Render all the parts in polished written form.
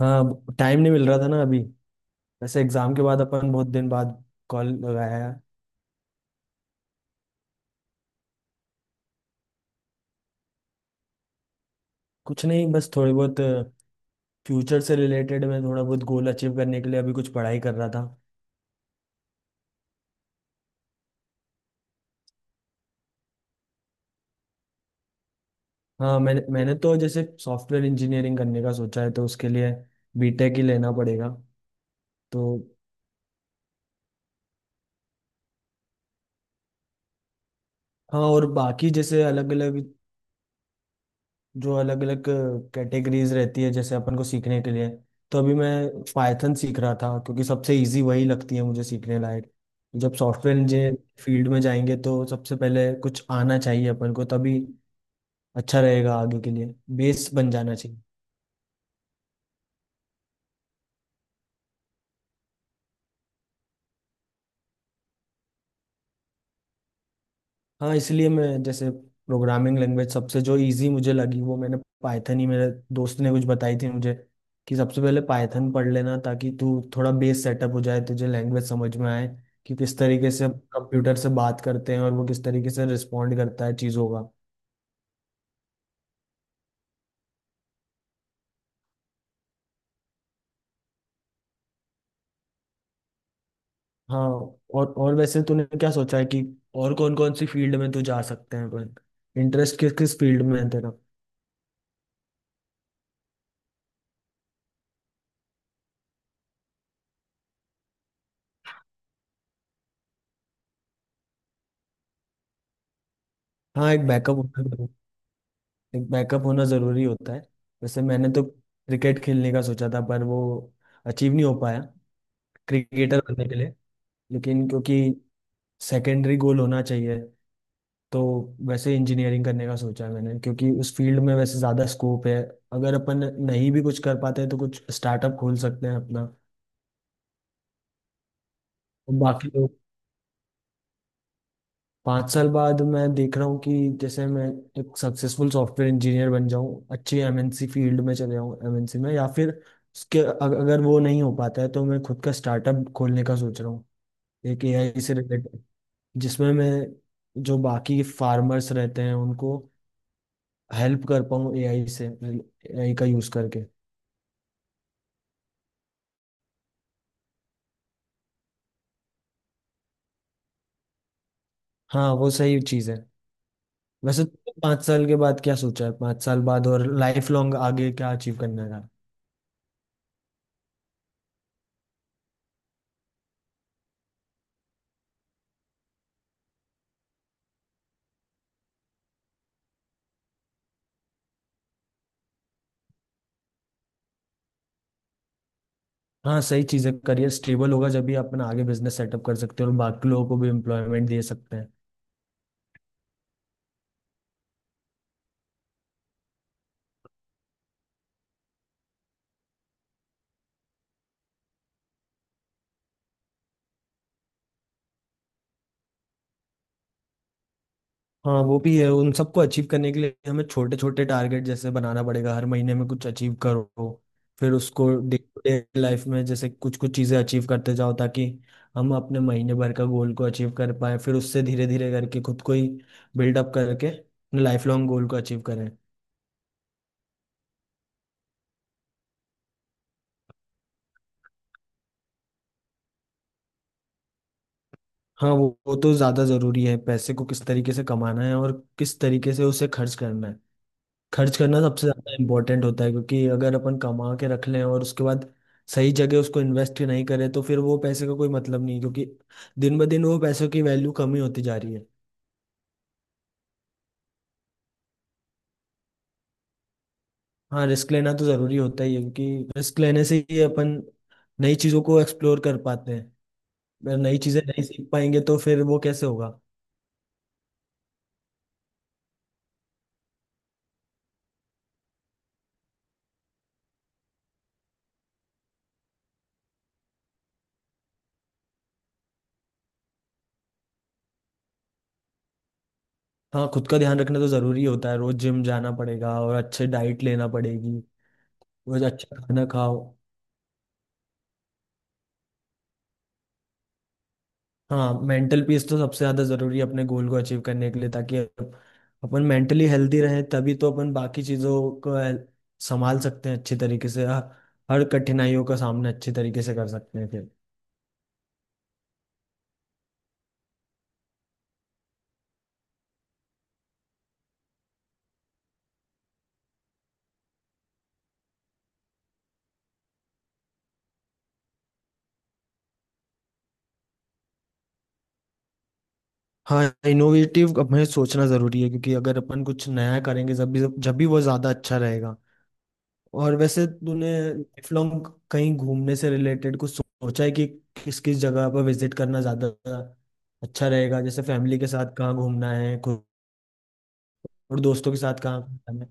हाँ। टाइम नहीं मिल रहा था ना अभी। वैसे एग्जाम के बाद अपन बहुत दिन बाद कॉल लगाया है। कुछ नहीं, बस थोड़ी बहुत फ्यूचर से रिलेटेड मैं थोड़ा बहुत गोल अचीव करने के लिए अभी कुछ पढ़ाई कर रहा था। हाँ, मैंने मैंने तो जैसे सॉफ्टवेयर इंजीनियरिंग करने का सोचा है, तो उसके लिए बीटेक ही लेना पड़ेगा। तो हाँ, और बाकी जैसे अलग अलग जो अलग अलग कैटेगरीज रहती है जैसे अपन को सीखने के लिए। तो अभी मैं पाइथन सीख रहा था क्योंकि सबसे इजी वही लगती है मुझे सीखने लायक। जब सॉफ्टवेयर इंजीनियर फील्ड में जाएंगे तो सबसे पहले कुछ आना चाहिए अपन को, तभी अच्छा रहेगा आगे के लिए। बेस बन जाना चाहिए। हाँ, इसलिए मैं जैसे प्रोग्रामिंग लैंग्वेज सबसे जो इजी मुझे लगी वो मैंने पाइथन ही, मेरे दोस्त ने कुछ बताई थी मुझे कि सबसे पहले पाइथन पढ़ लेना ताकि तू थोड़ा बेस सेटअप हो जाए, तुझे लैंग्वेज समझ में आए कि किस तरीके से कंप्यूटर से बात करते हैं और वो किस तरीके से रिस्पोंड करता है चीज़ों का। हाँ, और वैसे तूने क्या सोचा है कि और कौन कौन सी फील्ड में तू जा सकते हैं? इंटरेस्ट किस किस फील्ड में है तेरा? हाँ, एक बैकअप, एक बैकअप होना ज़रूरी होता है। वैसे मैंने तो क्रिकेट खेलने का सोचा था, पर वो अचीव नहीं हो पाया, क्रिकेटर बनने के लिए। लेकिन क्योंकि सेकेंडरी गोल होना चाहिए, तो वैसे इंजीनियरिंग करने का सोचा है मैंने, क्योंकि उस फील्ड में वैसे ज़्यादा स्कोप है। अगर अपन नहीं भी कुछ कर पाते हैं तो कुछ स्टार्टअप खोल सकते हैं अपना। बाकी लोग, पाँच साल बाद मैं देख रहा हूँ कि जैसे मैं एक सक्सेसफुल सॉफ्टवेयर इंजीनियर बन जाऊँ, अच्छी एमएनसी फील्ड में चले जाऊँ, एमएनसी में, या फिर उसके अगर वो नहीं हो पाता है तो मैं खुद का स्टार्टअप खोलने का सोच रहा हूँ, एक एआई से रिलेटेड जिसमें मैं, जो बाकी फार्मर्स रहते हैं उनको हेल्प कर पाऊँ एआई से, एआई का यूज़ करके। हाँ, वो सही चीज़ है। वैसे तुमने पाँच साल के बाद क्या सोचा है, पाँच साल बाद और लाइफ लॉन्ग आगे क्या अचीव करना है? हाँ, सही चीजें करिए, स्टेबल होगा जब भी अपन आगे बिजनेस सेटअप कर सकते हैं और बाकी लोगों को भी एम्प्लॉयमेंट दे सकते हैं। हाँ वो भी है, उन सबको अचीव करने के लिए हमें छोटे छोटे टारगेट जैसे बनाना पड़ेगा, हर महीने में कुछ अचीव करो, फिर उसको डे टू डे लाइफ में जैसे कुछ कुछ चीजें अचीव करते जाओ ताकि हम अपने महीने भर का गोल को अचीव कर पाए, फिर उससे धीरे धीरे करके खुद को ही बिल्डअप करके लाइफ लॉन्ग गोल को अचीव करें। हाँ वो तो ज्यादा जरूरी है, पैसे को किस तरीके से कमाना है और किस तरीके से उसे खर्च करना है। खर्च करना सबसे ज्यादा इम्पोर्टेंट होता है, क्योंकि अगर अपन कमा के रख लें और उसके बाद सही जगह उसको इन्वेस्ट नहीं करें तो फिर वो पैसे का कोई मतलब नहीं है, क्योंकि दिन ब दिन वो पैसों की वैल्यू कमी होती जा रही है। हाँ, रिस्क लेना तो जरूरी होता ही है, क्योंकि रिस्क लेने से ही अपन नई चीजों को एक्सप्लोर कर पाते हैं। अगर नई चीजें नहीं सीख पाएंगे तो फिर वो कैसे होगा? हाँ, खुद का ध्यान रखना तो जरूरी होता है, रोज जिम जाना पड़ेगा और अच्छे डाइट लेना पड़ेगी। रोज अच्छा खाना खाओ। हाँ, मेंटल पीस तो सबसे ज्यादा जरूरी है अपने गोल को अचीव करने के लिए, ताकि अपन मेंटली हेल्दी रहें, तभी तो अपन बाकी चीजों को संभाल सकते हैं अच्छी तरीके से। हर कठिनाइयों का सामना अच्छे तरीके से कर सकते हैं फिर। हाँ, इनोवेटिव हमें सोचना जरूरी है, क्योंकि अगर अपन कुछ नया करेंगे जब भी वो ज्यादा अच्छा रहेगा। और वैसे तूने लाइफ लॉन्ग कहीं घूमने से रिलेटेड कुछ सोचा है कि किस किस जगह पर विजिट करना ज्यादा अच्छा रहेगा, जैसे फैमिली के साथ कहाँ घूमना है और दोस्तों के साथ कहाँ गया मैं?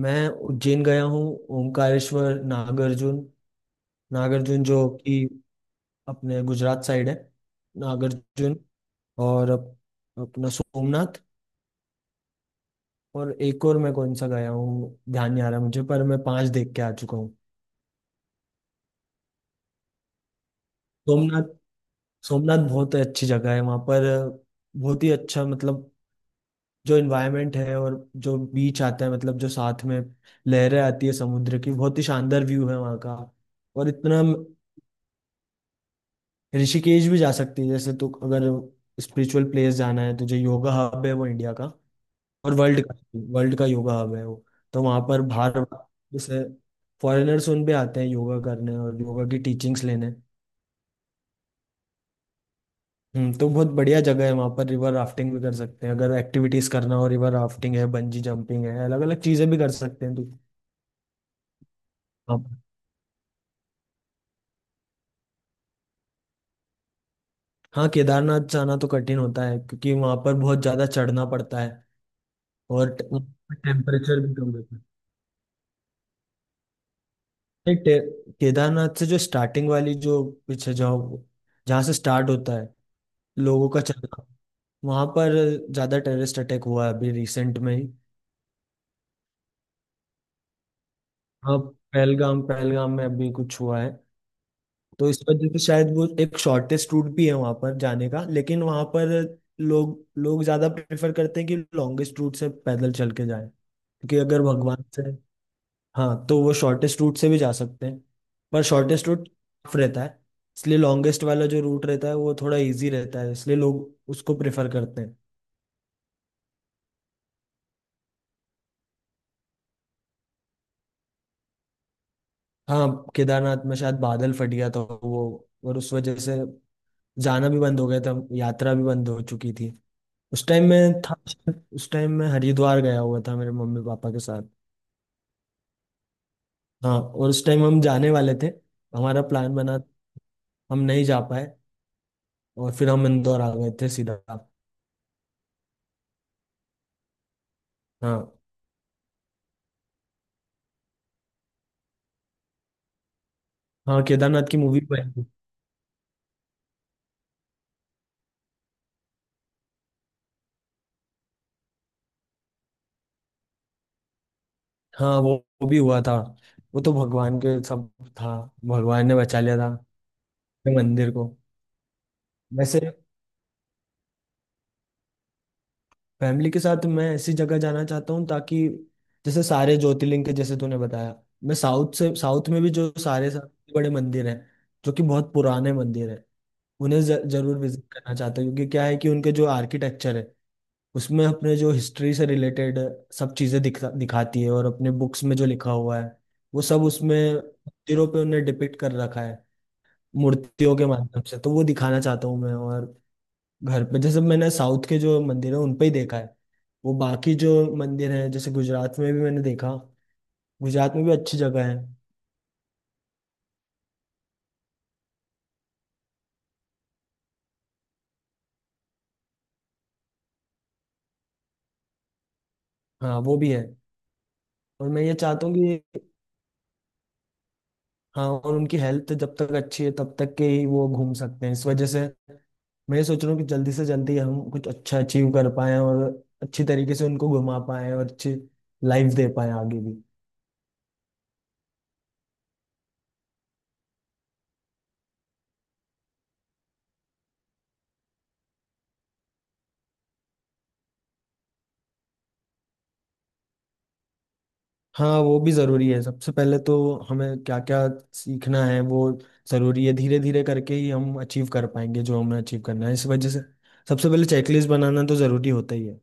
मैं उज्जैन गया हूँ, ओंकारेश्वर, नागार्जुन, नागार्जुन जो कि अपने गुजरात साइड है, नागार्जुन, और अपना सोमनाथ, और एक और मैं कौन सा गया हूँ ध्यान नहीं आ रहा मुझे, पर मैं पांच देख के आ चुका हूँ। सोमनाथ, सोमनाथ बहुत अच्छी जगह है। वहाँ पर बहुत ही अच्छा, मतलब जो इन्वायरमेंट है, और जो बीच आता है, मतलब जो साथ में लहरें आती है समुद्र की, बहुत ही शानदार व्यू है वहाँ का। और इतना, ऋषिकेश भी जा सकती है जैसे, तो अगर स्पिरिचुअल प्लेस जाना है तुझे, योगा हब है वो इंडिया का और वर्ल्ड का, वर्ल्ड का योगा हब है वो। तो वहाँ पर बाहर जैसे फॉरेनर्स उन भी आते हैं योगा करने और योगा की टीचिंग्स लेने। हम्म, तो बहुत बढ़िया जगह है। वहाँ पर रिवर राफ्टिंग भी कर सकते हैं, अगर एक्टिविटीज करना हो। रिवर राफ्टिंग है, बंजी जंपिंग है, अलग अलग चीजें भी कर सकते हैं तो। हाँ। हाँ, केदारनाथ जाना तो कठिन होता है, क्योंकि वहाँ पर बहुत ज्यादा चढ़ना पड़ता है और टेम्परेचर भी कम रहता है। नहीं, केदारनाथ से जो स्टार्टिंग वाली जो पीछे जाओ, जहाँ से स्टार्ट होता है लोगों का चलना, वहां पर ज्यादा टेररिस्ट अटैक हुआ है अभी रिसेंट में ही। हाँ, पहलगाम, पहलगाम में अभी कुछ हुआ है। तो इस वजह से शायद वो एक शॉर्टेस्ट रूट भी है वहां पर जाने का, लेकिन वहां पर लोग लोग ज्यादा प्रेफर करते हैं कि लॉन्गेस्ट रूट से पैदल चल के जाएं, क्योंकि अगर भगवान से, हाँ तो वो शॉर्टेस्ट रूट से भी जा सकते हैं, पर शॉर्टेस्ट रूट टफ रहता है, इसलिए लॉन्गेस्ट वाला जो रूट रहता है वो थोड़ा इजी रहता है, इसलिए लोग उसको प्रेफर करते हैं। हाँ, केदारनाथ में शायद बादल फट गया था वो, और उस वजह से जाना भी बंद हो गया था, यात्रा भी बंद हो चुकी थी। उस टाइम में था, उस टाइम में हरिद्वार गया हुआ था मेरे मम्मी पापा के साथ। हाँ, और उस टाइम हम जाने वाले थे, हमारा प्लान बना, हम नहीं जा पाए, और फिर हम इंदौर आ गए थे सीधा। हाँ। हाँ, केदारनाथ की मूवी। हाँ, वो भी हुआ था, वो तो भगवान के सब था, भगवान ने बचा लिया था ये मंदिर को। वैसे फैमिली के साथ मैं ऐसी जगह जाना चाहता हूँ, ताकि जैसे सारे ज्योतिर्लिंग, के जैसे तूने बताया, मैं साउथ से, साउथ में भी जो सारे सबसे बड़े मंदिर हैं, जो कि बहुत पुराने मंदिर हैं, उन्हें जरूर विजिट करना चाहता हूँ, क्योंकि क्या है कि उनके जो आर्किटेक्चर है उसमें अपने जो हिस्ट्री से रिलेटेड सब चीज़ें दिखा दिखाती है, और अपने बुक्स में जो लिखा हुआ है वो सब उसमें मंदिरों पे उन्हें डिपिक्ट कर रखा है, मूर्तियों के माध्यम से। तो वो दिखाना चाहता हूँ मैं, और घर पे, जैसे मैंने साउथ के जो मंदिर है उन पे ही देखा है, वो बाकी जो मंदिर है, जैसे गुजरात में भी मैंने देखा, गुजरात में भी अच्छी जगह है। हाँ वो भी है। और मैं ये चाहता हूँ कि, हाँ और उनकी हेल्थ जब तक अच्छी है तब तक के ही वो घूम सकते हैं, इस वजह से मैं ये सोच रहा हूँ कि जल्दी से जल्दी हम कुछ अच्छा अचीव कर पाए और अच्छी तरीके से उनको घुमा पाए और अच्छी लाइफ दे पाए आगे भी। हाँ वो भी ज़रूरी है। सबसे पहले तो हमें क्या क्या सीखना है वो ज़रूरी है, धीरे धीरे करके ही हम अचीव कर पाएंगे जो हमें अचीव करना है। इस वजह से सबसे पहले चेकलिस्ट बनाना तो ज़रूरी होता ही है।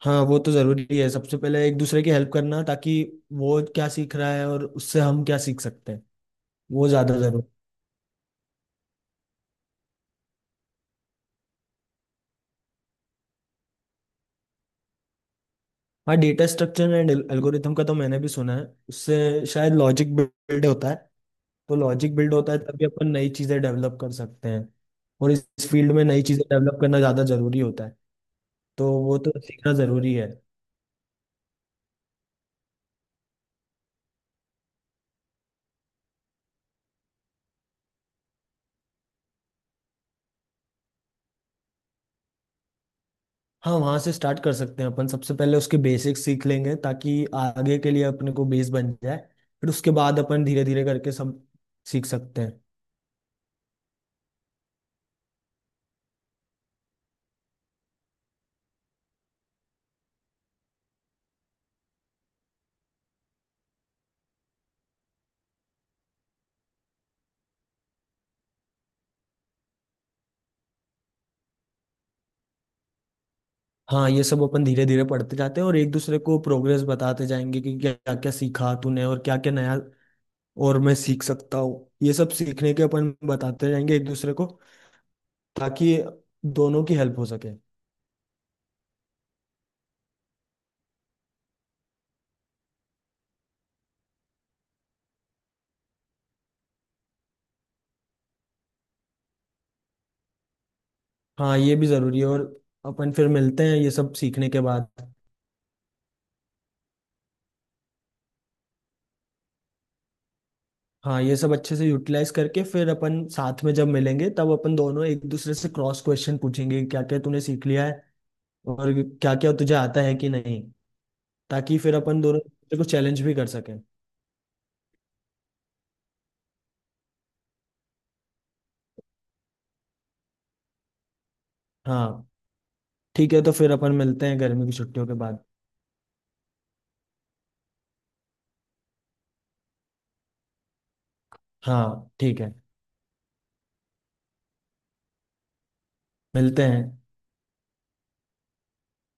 हाँ वो तो ज़रूरी है, सबसे पहले एक दूसरे की हेल्प करना, ताकि वो क्या सीख रहा है और उससे हम क्या सीख सकते हैं, वो ज़्यादा ज़रूरी। हाँ, डेटा स्ट्रक्चर एंड एल्गोरिथम का तो मैंने भी सुना है, उससे शायद लॉजिक बिल्ड होता है। तो लॉजिक बिल्ड होता है तभी अपन नई चीज़ें डेवलप कर सकते हैं, और इस फील्ड में नई चीज़ें डेवलप करना ज़्यादा ज़रूरी होता है, तो वो तो सीखना ज़रूरी है। हाँ, वहाँ से स्टार्ट कर सकते हैं अपन, सबसे पहले उसके बेसिक्स सीख लेंगे ताकि आगे के लिए अपने को बेस बन जाए, फिर उसके बाद अपन धीरे धीरे करके सब सीख सकते हैं। हाँ ये सब अपन धीरे धीरे पढ़ते जाते हैं, और एक दूसरे को प्रोग्रेस बताते जाएंगे कि क्या क्या सीखा तूने और क्या क्या नया और मैं सीख सकता हूँ, ये सब सीखने के अपन बताते रहेंगे एक दूसरे को, ताकि दोनों की हेल्प हो सके। हाँ, ये भी जरूरी है। और अपन फिर मिलते हैं ये सब सीखने के बाद। हाँ, ये सब अच्छे से यूटिलाइज करके फिर अपन साथ में जब मिलेंगे, तब अपन दोनों एक दूसरे से क्रॉस क्वेश्चन पूछेंगे क्या क्या तूने सीख लिया है, और क्या क्या तुझे आता है कि नहीं, ताकि फिर अपन दोनों एक दूसरे को चैलेंज भी कर सकें। हाँ ठीक है, तो फिर अपन मिलते हैं गर्मी की छुट्टियों के बाद। हाँ ठीक है। मिलते हैं।